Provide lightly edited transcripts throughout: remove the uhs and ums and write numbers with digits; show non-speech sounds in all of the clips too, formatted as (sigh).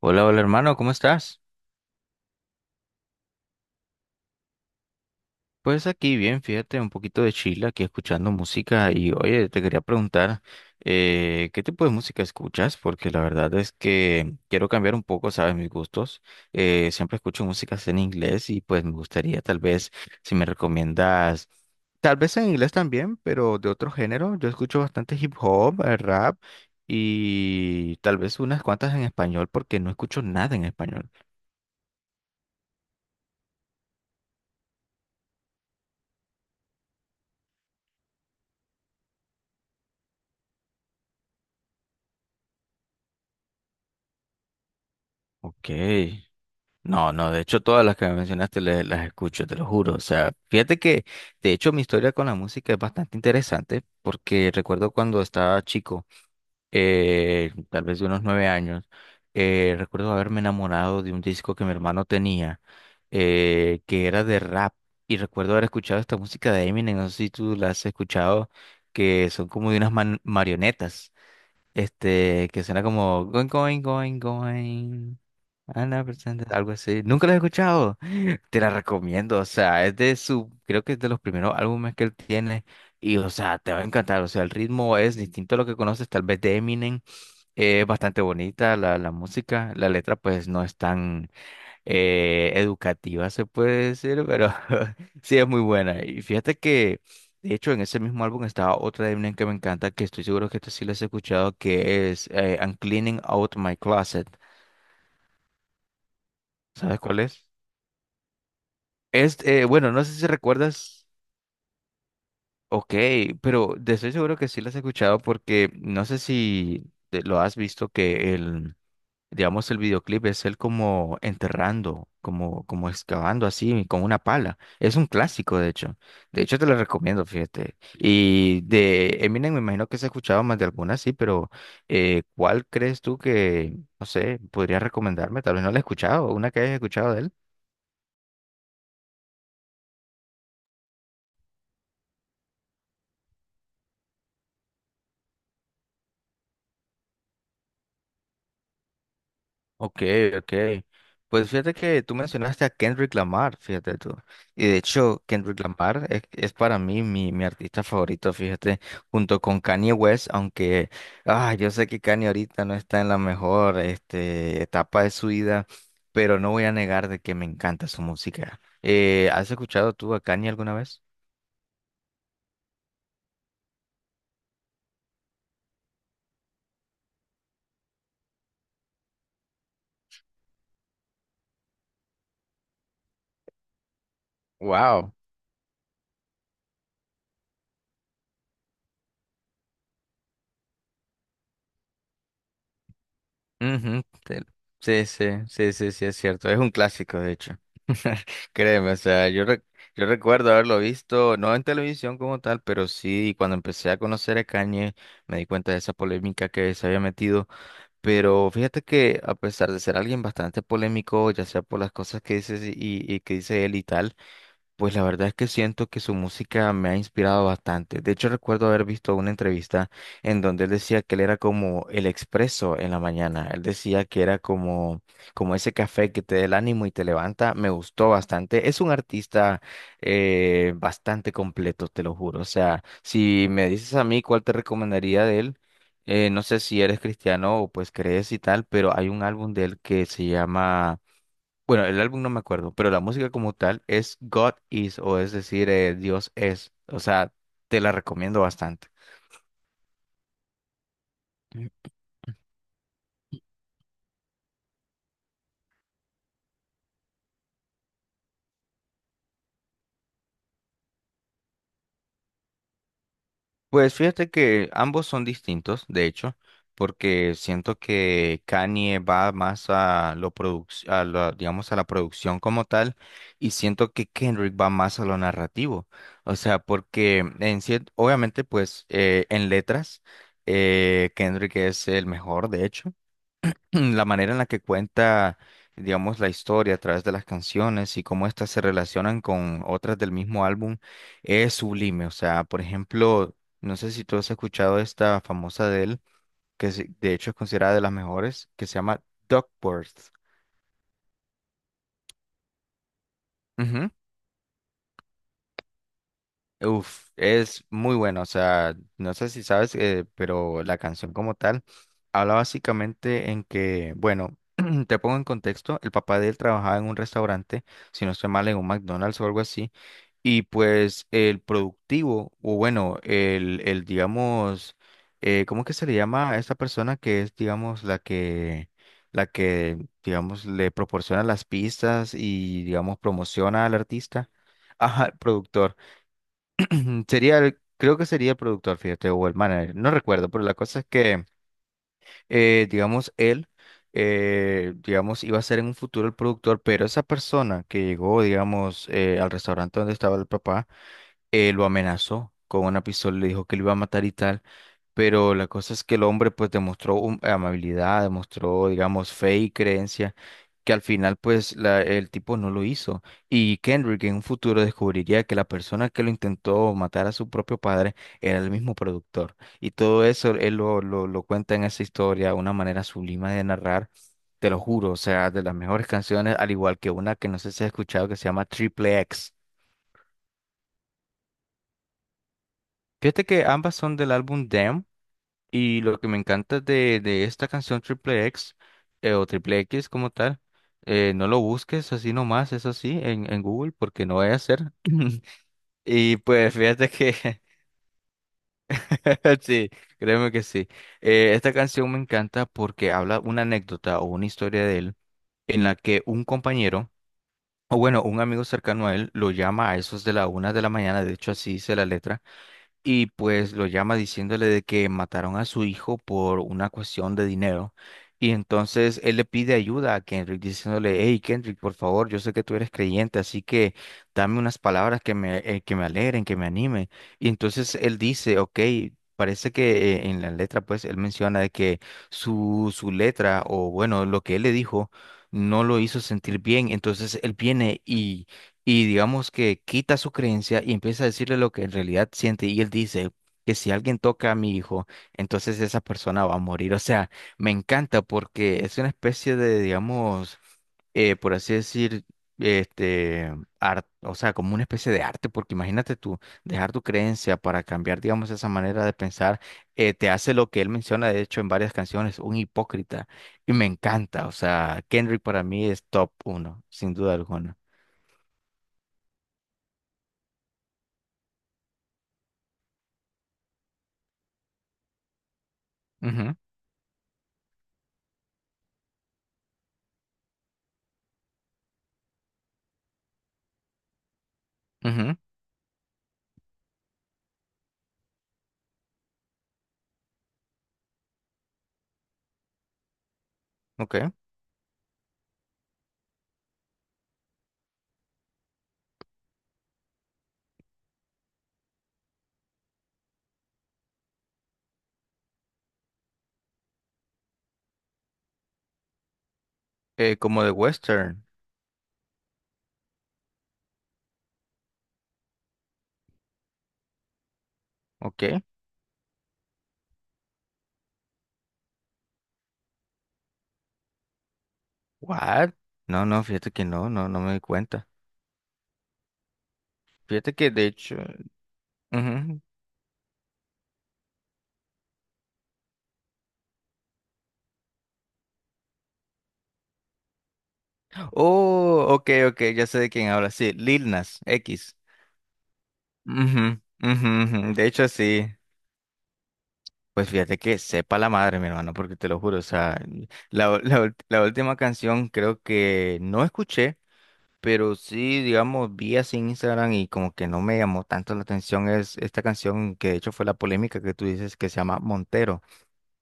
Hola, hola hermano, ¿cómo estás? Pues aquí bien, fíjate, un poquito de chila, aquí escuchando música y oye, te quería preguntar, ¿qué tipo de música escuchas? Porque la verdad es que quiero cambiar un poco, ¿sabes? Mis gustos. Siempre escucho músicas en inglés y pues me gustaría tal vez, si me recomiendas, tal vez en inglés también, pero de otro género. Yo escucho bastante hip hop, rap y tal vez unas cuantas en español porque no escucho nada en español. Ok. No, no, de hecho todas las que me mencionaste las escucho, te lo juro. O sea, fíjate que de hecho mi historia con la música es bastante interesante porque recuerdo cuando estaba chico, tal vez de unos nueve años, recuerdo haberme enamorado de un disco que mi hermano tenía, que era de rap. Y recuerdo haber escuchado esta música de Eminem, no sé si tú la has escuchado, que son como de unas marionetas. Que suena como going, going, going, going. Ana presente algo así. Nunca lo he escuchado. Te la recomiendo. O sea, es de su, creo que es de los primeros álbumes que él tiene. Y, o sea, te va a encantar. O sea, el ritmo es distinto a lo que conoces, tal vez de Eminem. Es bastante bonita la música. La letra, pues, no es tan educativa, se puede decir, pero (laughs) sí es muy buena. Y fíjate que, de hecho, en ese mismo álbum estaba otra de Eminem que me encanta, que estoy seguro que esta sí la has escuchado, que es I'm Cleaning Out My Closet. ¿Sabes cuál es? Es, bueno, no sé si recuerdas, ok, pero de estoy seguro que sí la has escuchado porque no sé si lo has visto que el… Digamos, el videoclip es él como enterrando, como, como excavando así con una pala. Es un clásico, de hecho. De hecho, te lo recomiendo, fíjate. Y de Eminem, me imagino que se ha escuchado más de alguna, sí, pero ¿cuál crees tú que, no sé, podrías recomendarme? Tal vez no la he escuchado, una que hayas escuchado de él. Ok, ok. Pues fíjate que tú mencionaste a Kendrick Lamar, fíjate tú. Y de hecho, Kendrick Lamar es para mí mi artista favorito, fíjate, junto con Kanye West, aunque yo sé que Kanye ahorita no está en la mejor este, etapa de su vida, pero no voy a negar de que me encanta su música. ¿Has escuchado tú a Kanye alguna vez? Wow. Ujú, sí, sí, sí, sí, sí, es cierto. Es un clásico, de hecho. (laughs) Créeme, o sea, yo recuerdo haberlo visto, no en televisión como tal, pero sí, cuando empecé a conocer a Kanye, me di cuenta de esa polémica que se había metido. Pero fíjate que, a pesar de ser alguien bastante polémico, ya sea por las cosas que dices y que dice él y tal, pues la verdad es que siento que su música me ha inspirado bastante. De hecho, recuerdo haber visto una entrevista en donde él decía que él era como el expreso en la mañana. Él decía que era como, como ese café que te da el ánimo y te levanta. Me gustó bastante. Es un artista bastante completo, te lo juro. O sea, si me dices a mí cuál te recomendaría de él, no sé si eres cristiano o pues crees y tal, pero hay un álbum de él que se llama bueno, el álbum no me acuerdo, pero la música como tal es God Is, o es decir, Dios es. O sea, te la recomiendo bastante. Mm. Pues fíjate que ambos son distintos, de hecho, porque siento que Kanye va más a lo a digamos, a la producción como tal, y siento que Kendrick va más a lo narrativo. O sea, porque en obviamente, pues, en letras, Kendrick es el mejor, de hecho (clears throat) la manera en la que cuenta, digamos, la historia a través de las canciones y cómo éstas se relacionan con otras del mismo álbum es sublime. O sea, por ejemplo, no sé si tú has escuchado esta famosa de él, que de hecho es considerada de las mejores, que se llama Duckworth. Uf, es muy bueno, o sea, no sé si sabes, pero la canción como tal habla básicamente en que, bueno, (clears throat) te pongo en contexto, el papá de él trabajaba en un restaurante, si no estoy mal, en un McDonald's o algo así, y pues el productivo, o bueno, el digamos, ¿cómo que se le llama a esta persona que es, digamos, la que, digamos, le proporciona las pistas y, digamos, promociona al artista? Ajá, el productor. Ujú, sería el, creo que sería el productor, fíjate, o el manager, no recuerdo, pero la cosa es que, digamos, él, digamos, iba a ser en un futuro el productor, pero esa persona que llegó, digamos, al restaurante donde estaba el papá, lo amenazó con una pistola, le dijo que lo iba a matar y tal. Pero la cosa es que el hombre pues demostró amabilidad, demostró, digamos, fe y creencia, que al final pues el tipo no lo hizo. Y Kendrick en un futuro descubriría que la persona que lo intentó matar a su propio padre era el mismo productor. Y todo eso él lo cuenta en esa historia, una manera sublime de narrar, te lo juro, o sea, de las mejores canciones, al igual que una que no sé si has escuchado que se llama Triple X. Fíjate que ambas son del álbum Damn. Y lo que me encanta de esta canción Triple X o Triple X como tal, no lo busques así nomás, es así en Google porque no vaya a ser. (laughs) Y pues fíjate que (laughs) sí, créeme que sí. Esta canción me encanta porque habla una anécdota o una historia de él en la que un compañero, o bueno, un amigo cercano a él, lo llama a esos de la una de la mañana, de hecho así dice la letra y pues lo llama diciéndole de que mataron a su hijo por una cuestión de dinero. Y entonces él le pide ayuda a Kendrick diciéndole, hey Kendrick, por favor, yo sé que tú eres creyente, así que dame unas palabras que me que me alegren, que me animen. Y entonces él dice, ok, parece que en la letra, pues él menciona de que su letra, o bueno, lo que él le dijo, no lo hizo sentir bien. Entonces él viene y digamos que quita su creencia y empieza a decirle lo que en realidad siente y él dice que si alguien toca a mi hijo, entonces esa persona va a morir. O sea, me encanta porque es una especie de, digamos, por así decir, este, arte, o sea, como una especie de arte, porque imagínate tú, dejar tu creencia para cambiar, digamos, esa manera de pensar, te hace lo que él menciona, de hecho, en varias canciones, un hipócrita. Y me encanta, o sea, Kendrick para mí es top 1, sin duda alguna. Ujú, ujú. Ok. Como de western. Ok. What? No, no, fíjate que no, no, no me di cuenta. Fíjate que de hecho. Ujú. Oh, ok, ok, ya sé de quién habla. Sí, Lil Nas X. Ujú, ujú, ujú, de hecho, sí. Pues fíjate que sepa la madre, mi hermano, porque te lo juro. O sea, la última canción creo que no escuché, pero sí, digamos, vi así en Instagram y como que no me llamó tanto la atención. Es esta canción que de hecho fue la polémica que tú dices que se llama Montero.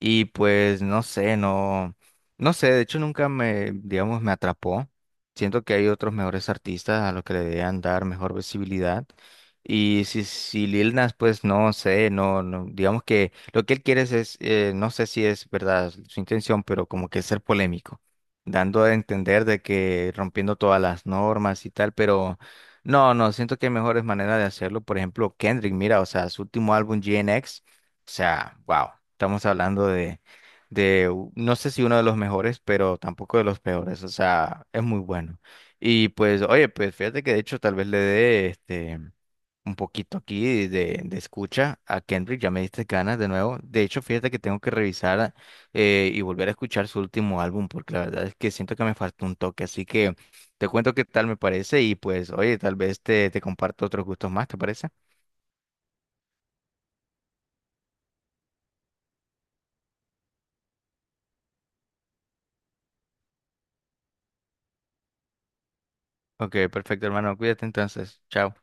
Y pues no sé, no, no sé, de hecho nunca me, digamos, me atrapó. Siento que hay otros mejores artistas a los que le deberían dar mejor visibilidad. Y si Lil Nas, pues no sé, no, no, digamos que lo que él quiere es, no sé si es verdad su intención, pero como que ser polémico, dando a entender de que rompiendo todas las normas y tal, pero no, no, siento que hay mejores maneras de hacerlo. Por ejemplo, Kendrick, mira, o sea, su último álbum, GNX o sea, wow, estamos hablando de, no sé si uno de los mejores, pero tampoco de los peores, o sea, es muy bueno. Y pues, oye, pues fíjate que de hecho tal vez le dé este, un poquito aquí de escucha a Kendrick, ya me diste ganas de nuevo. De hecho, fíjate que tengo que revisar y volver a escuchar su último álbum, porque la verdad es que siento que me faltó un toque, así que te cuento qué tal me parece y pues, oye, tal vez te comparto otros gustos más, ¿te parece? Ok, perfecto, hermano, cuídate entonces, chao.